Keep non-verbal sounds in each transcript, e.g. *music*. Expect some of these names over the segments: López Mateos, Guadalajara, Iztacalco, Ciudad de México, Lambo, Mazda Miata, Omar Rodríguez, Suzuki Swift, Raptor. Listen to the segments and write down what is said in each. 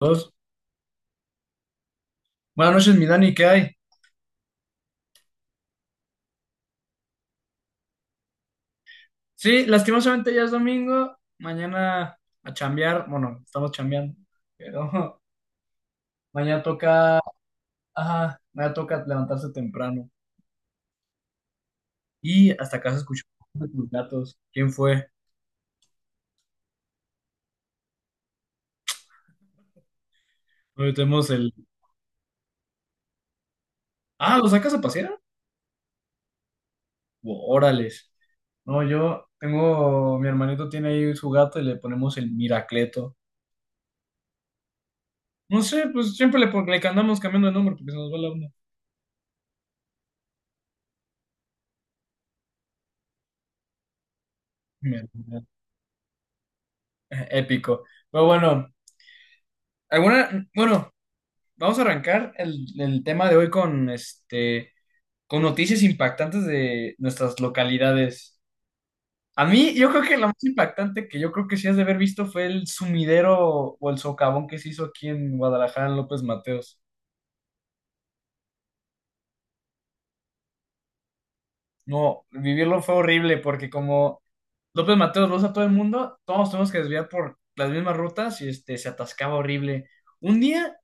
Dos. Buenas noches, mi Dani, ¿qué hay? Sí, lastimosamente ya es domingo. Mañana a chambear. Bueno, estamos chambeando. Pero *laughs* mañana toca. Ajá, mañana toca levantarse temprano. Y hasta acá se escuchó de tus gatos. ¿Quién fue? Hoy tenemos el. Ah, ¿lo sacas a pasear? Órales. No, yo tengo. Mi hermanito tiene ahí su gato y le ponemos el Miracleto. No sé, pues siempre le andamos cambiando de nombre porque se nos va la onda. Mira, épico. Pero bueno, alguna. Bueno. Vamos a arrancar el tema de hoy con noticias impactantes de nuestras localidades. A mí, yo creo que la más impactante que yo creo que sí has de haber visto fue el sumidero o el socavón que se hizo aquí en Guadalajara, en López Mateos. No, vivirlo fue horrible porque como López Mateos, vos a todo el mundo, todos tenemos que desviar por las mismas rutas y se atascaba horrible. Un día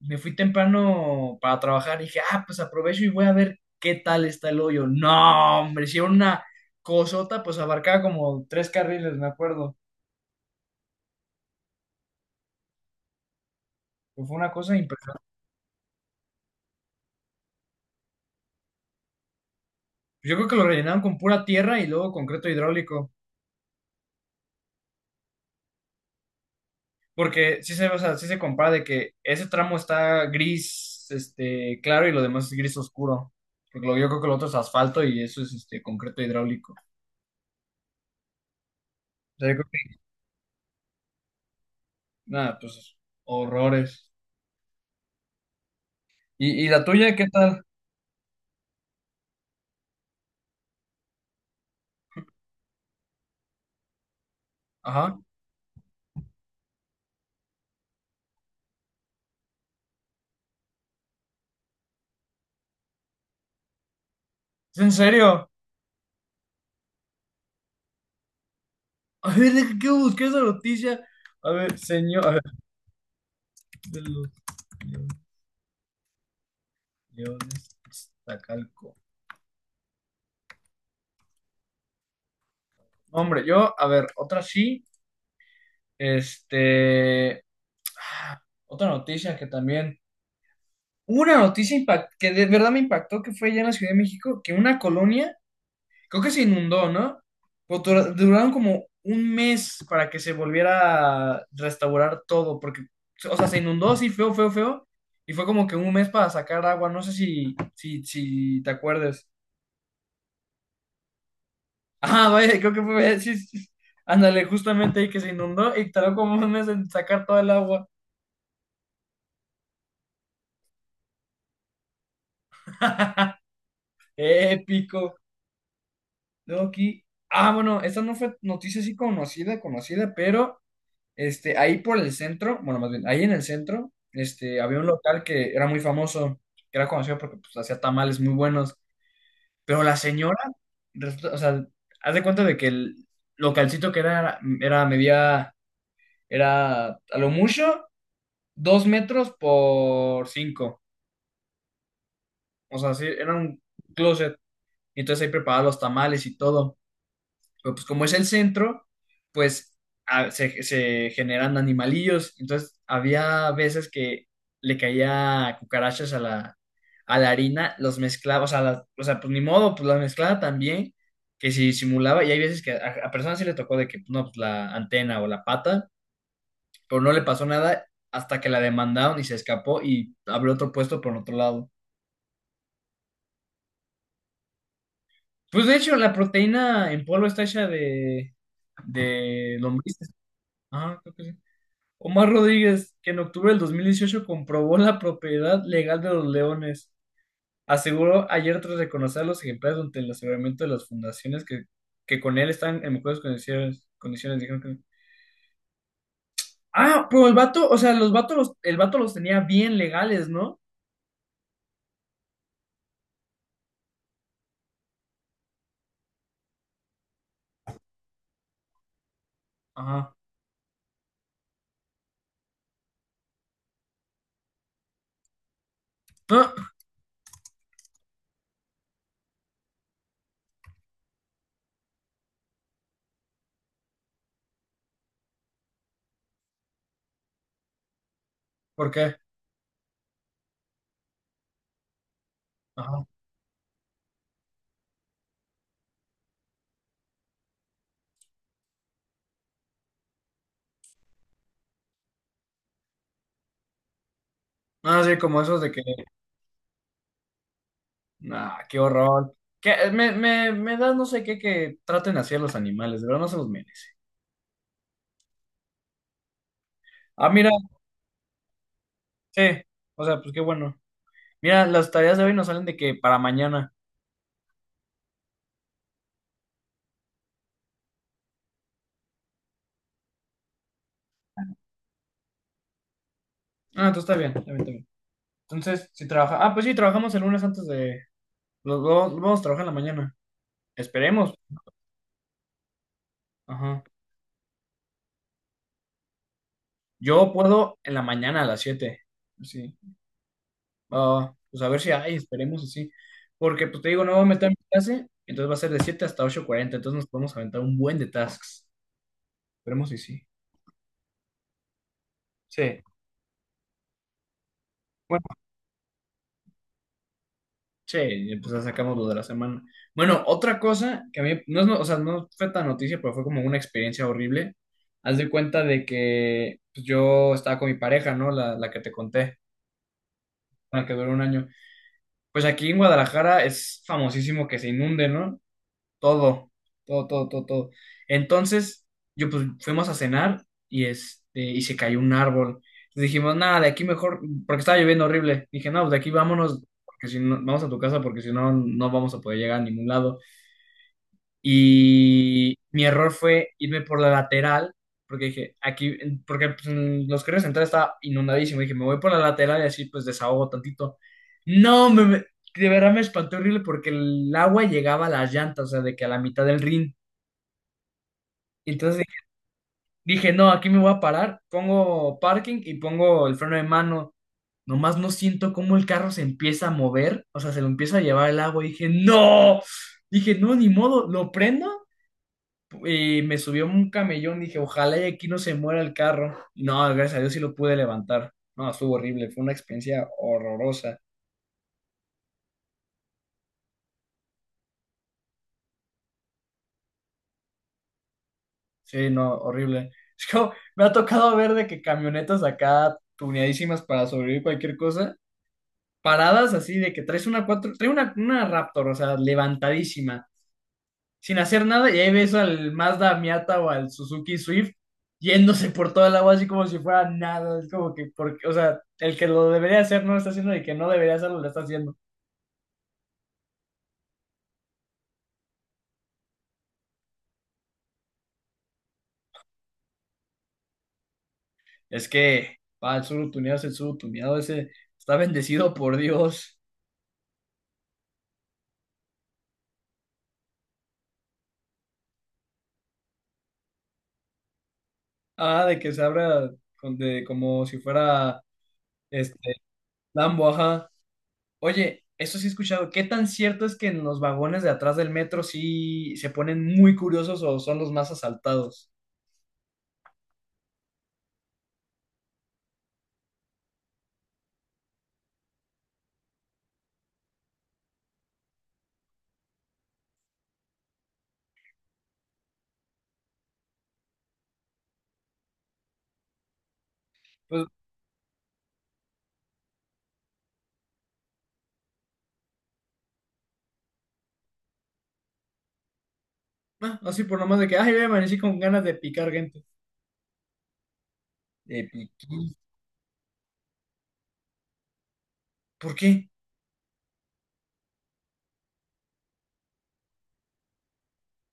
me fui temprano para trabajar y dije, ah, pues aprovecho y voy a ver qué tal está el hoyo. No, hombre, hicieron una cosota, pues abarcaba como tres carriles, me acuerdo. Pues, fue una cosa impresionante. Yo creo que lo rellenaron con pura tierra y luego concreto hidráulico. Porque sí se, o sea, sí se compara de que ese tramo está gris, claro, y lo demás es gris oscuro. Porque yo creo que lo otro es asfalto y eso es este concreto hidráulico. O sea, yo creo que, nada, pues horrores. ¿Y la tuya qué tal? Ajá. ¿Es en serio? *laughs* A ver, deja que busqué esa noticia. A ver, señor, a ver, de los guiones Iztacalco. No, hombre, yo, a ver, otra sí, este, ah, otra noticia que también hubo. Una noticia que de verdad me impactó, que fue allá en la Ciudad de México, que una colonia, creo que se inundó, ¿no? Pero duraron como un mes para que se volviera a restaurar todo, porque, o sea, se inundó así feo, feo, feo, y fue como que un mes para sacar agua, no sé si te acuerdes. *laughs* Ah, vaya, creo que fue, sí, sí, sí. Ándale, justamente ahí que se inundó y tardó como un mes en sacar toda el agua. *laughs* Épico. Luego aquí, bueno, esta no fue noticia así conocida, conocida, pero ahí por el centro, bueno, más bien, ahí en el centro, había un local que era muy famoso, que era conocido porque pues, hacía tamales muy buenos, pero la señora, o sea, haz de cuenta de que el localcito que era, medía, era a lo mucho, dos metros por cinco, o sea, sí, era un closet, y entonces ahí preparaba los tamales y todo. Pero pues como es el centro, pues se generan animalillos. Entonces había veces que le caía cucarachas a la harina, los mezclaba, o sea, o sea, pues ni modo, pues las mezclaba también, que si simulaba, y hay veces que a personas sí le tocó de que, no, pues la antena o la pata, pero no le pasó nada hasta que la demandaron y se escapó y abrió otro puesto por otro lado. Pues de hecho, la proteína en polvo está hecha de lombrices. Ah, creo que sí. Omar Rodríguez, que en octubre del 2018 comprobó la propiedad legal de los leones, aseguró ayer tras reconocer a los ejemplares durante el aseguramiento de las fundaciones que con él están en mejores condiciones. Condiciones dijeron no. Ah, pero el vato, o sea, los vatos, el vato los tenía bien legales, ¿no? Ajá. Ah, ¿por qué? Ajá. Ah, sí, como esos de que, nah, qué horror. Que me da no sé qué que traten así a los animales, de verdad no se los merece. Ah, mira, sí, o sea, pues qué bueno. Mira, las tareas de hoy nos salen de que para mañana. Ah, entonces está bien, está bien, está bien. Entonces, si trabaja. Ah, pues sí, trabajamos el lunes antes de. Los dos vamos a trabajar en la mañana. Esperemos. Ajá. Yo puedo en la mañana a las 7. Sí. Ah, pues a ver si hay, esperemos así. Porque, pues te digo, no voy a meter mi clase, entonces va a ser de 7 hasta 8:40. Entonces nos podemos aventar un buen de tasks. Esperemos si sí. Sí. Sí, pues ya sacamos lo de la semana. Bueno, otra cosa que a mí, no es, o sea, no fue tan noticia, pero fue como una experiencia horrible. Haz de cuenta de que pues, yo estaba con mi pareja, ¿no? La que te conté, la que duró un año. Pues aquí en Guadalajara es famosísimo que se inunde, ¿no? Todo, todo, todo, todo, todo. Entonces, yo pues fuimos a cenar y y se cayó un árbol. Entonces dijimos, nada, de aquí mejor, porque estaba lloviendo horrible. Dije, no, pues de aquí vámonos, porque si no, vamos a tu casa, porque si no, no vamos a poder llegar a ningún lado. Y mi error fue irme por la lateral, porque dije, aquí, porque pues, en los carriles centrales estaba inundadísimo. Dije, me voy por la lateral y así pues desahogo tantito. No, de verdad me espanté horrible porque el agua llegaba a las llantas, o sea, de que a la mitad del ring. Entonces dije, no, aquí me voy a parar, pongo parking y pongo el freno de mano. Nomás no siento cómo el carro se empieza a mover, o sea, se lo empieza a llevar el agua. Y dije, no, ni modo, lo prendo. Y me subió un camellón, dije, ojalá y aquí no se muera el carro. Y no, gracias a Dios sí lo pude levantar. No, estuvo horrible, fue una experiencia horrorosa. Sí, no, horrible. *laughs* Es como, me ha tocado ver de que camionetas acá tuneadísimas para sobrevivir cualquier cosa, paradas así de que traes una cuatro, trae una Raptor, o sea, levantadísima, sin hacer nada, y ahí ves al Mazda Miata o al Suzuki Swift yéndose por toda el agua así como si fuera nada. Es como que, porque, o sea, el que lo debería hacer no lo está haciendo y el que no debería hacerlo lo está haciendo. Es que, va, el surutuneado es el surutuneado, ese está bendecido por Dios. Ah, de que se abra como si fuera este Lambo, ajá. Oye, eso sí he escuchado. ¿Qué tan cierto es que en los vagones de atrás del metro sí se ponen muy curiosos o son los más asaltados? Pues ah, así por nomás de que, ay, voy a con ganas de picar gente. De piquí. ¿Por qué?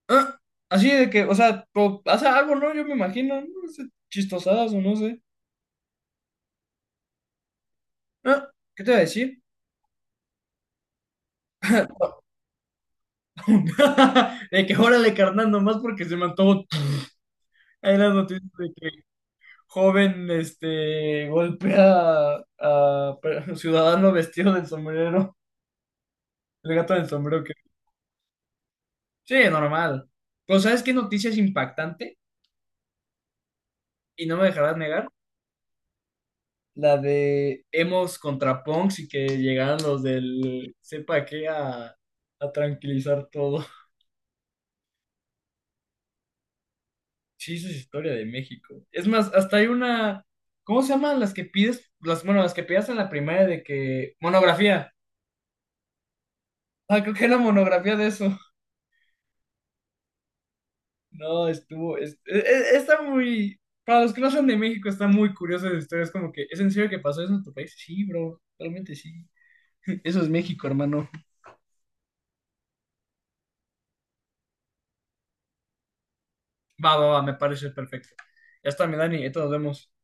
Ah, así de que, o sea, hace algo, ¿no? Yo me imagino, no sé, chistosadas o no sé. Ah, ¿qué te voy a decir? *laughs* De que órale, carnal, nomás porque se me antojó. Hay las noticias de que joven, golpea a ciudadano vestido del sombrero, el gato del sombrero que... Sí, normal. Pero ¿sabes qué noticia es impactante? Y no me dejarás negar. La de Hemos contra Punks y que llegaron los del sepa qué a tranquilizar todo. Sí, esa es historia de México. Es más, hasta hay una, ¿cómo se llaman las que pides? Las, bueno, las que pedías en la primaria de que monografía. Ah, creo que era monografía de eso. No, estuvo, está muy, para los que no son de México, está muy curiosa esa historia. Es como que, ¿es en serio que pasó eso en tu país? Sí, bro, realmente sí. Eso es México, hermano. Va, va, va, me parece perfecto. Ya está, mi Dani, entonces nos vemos.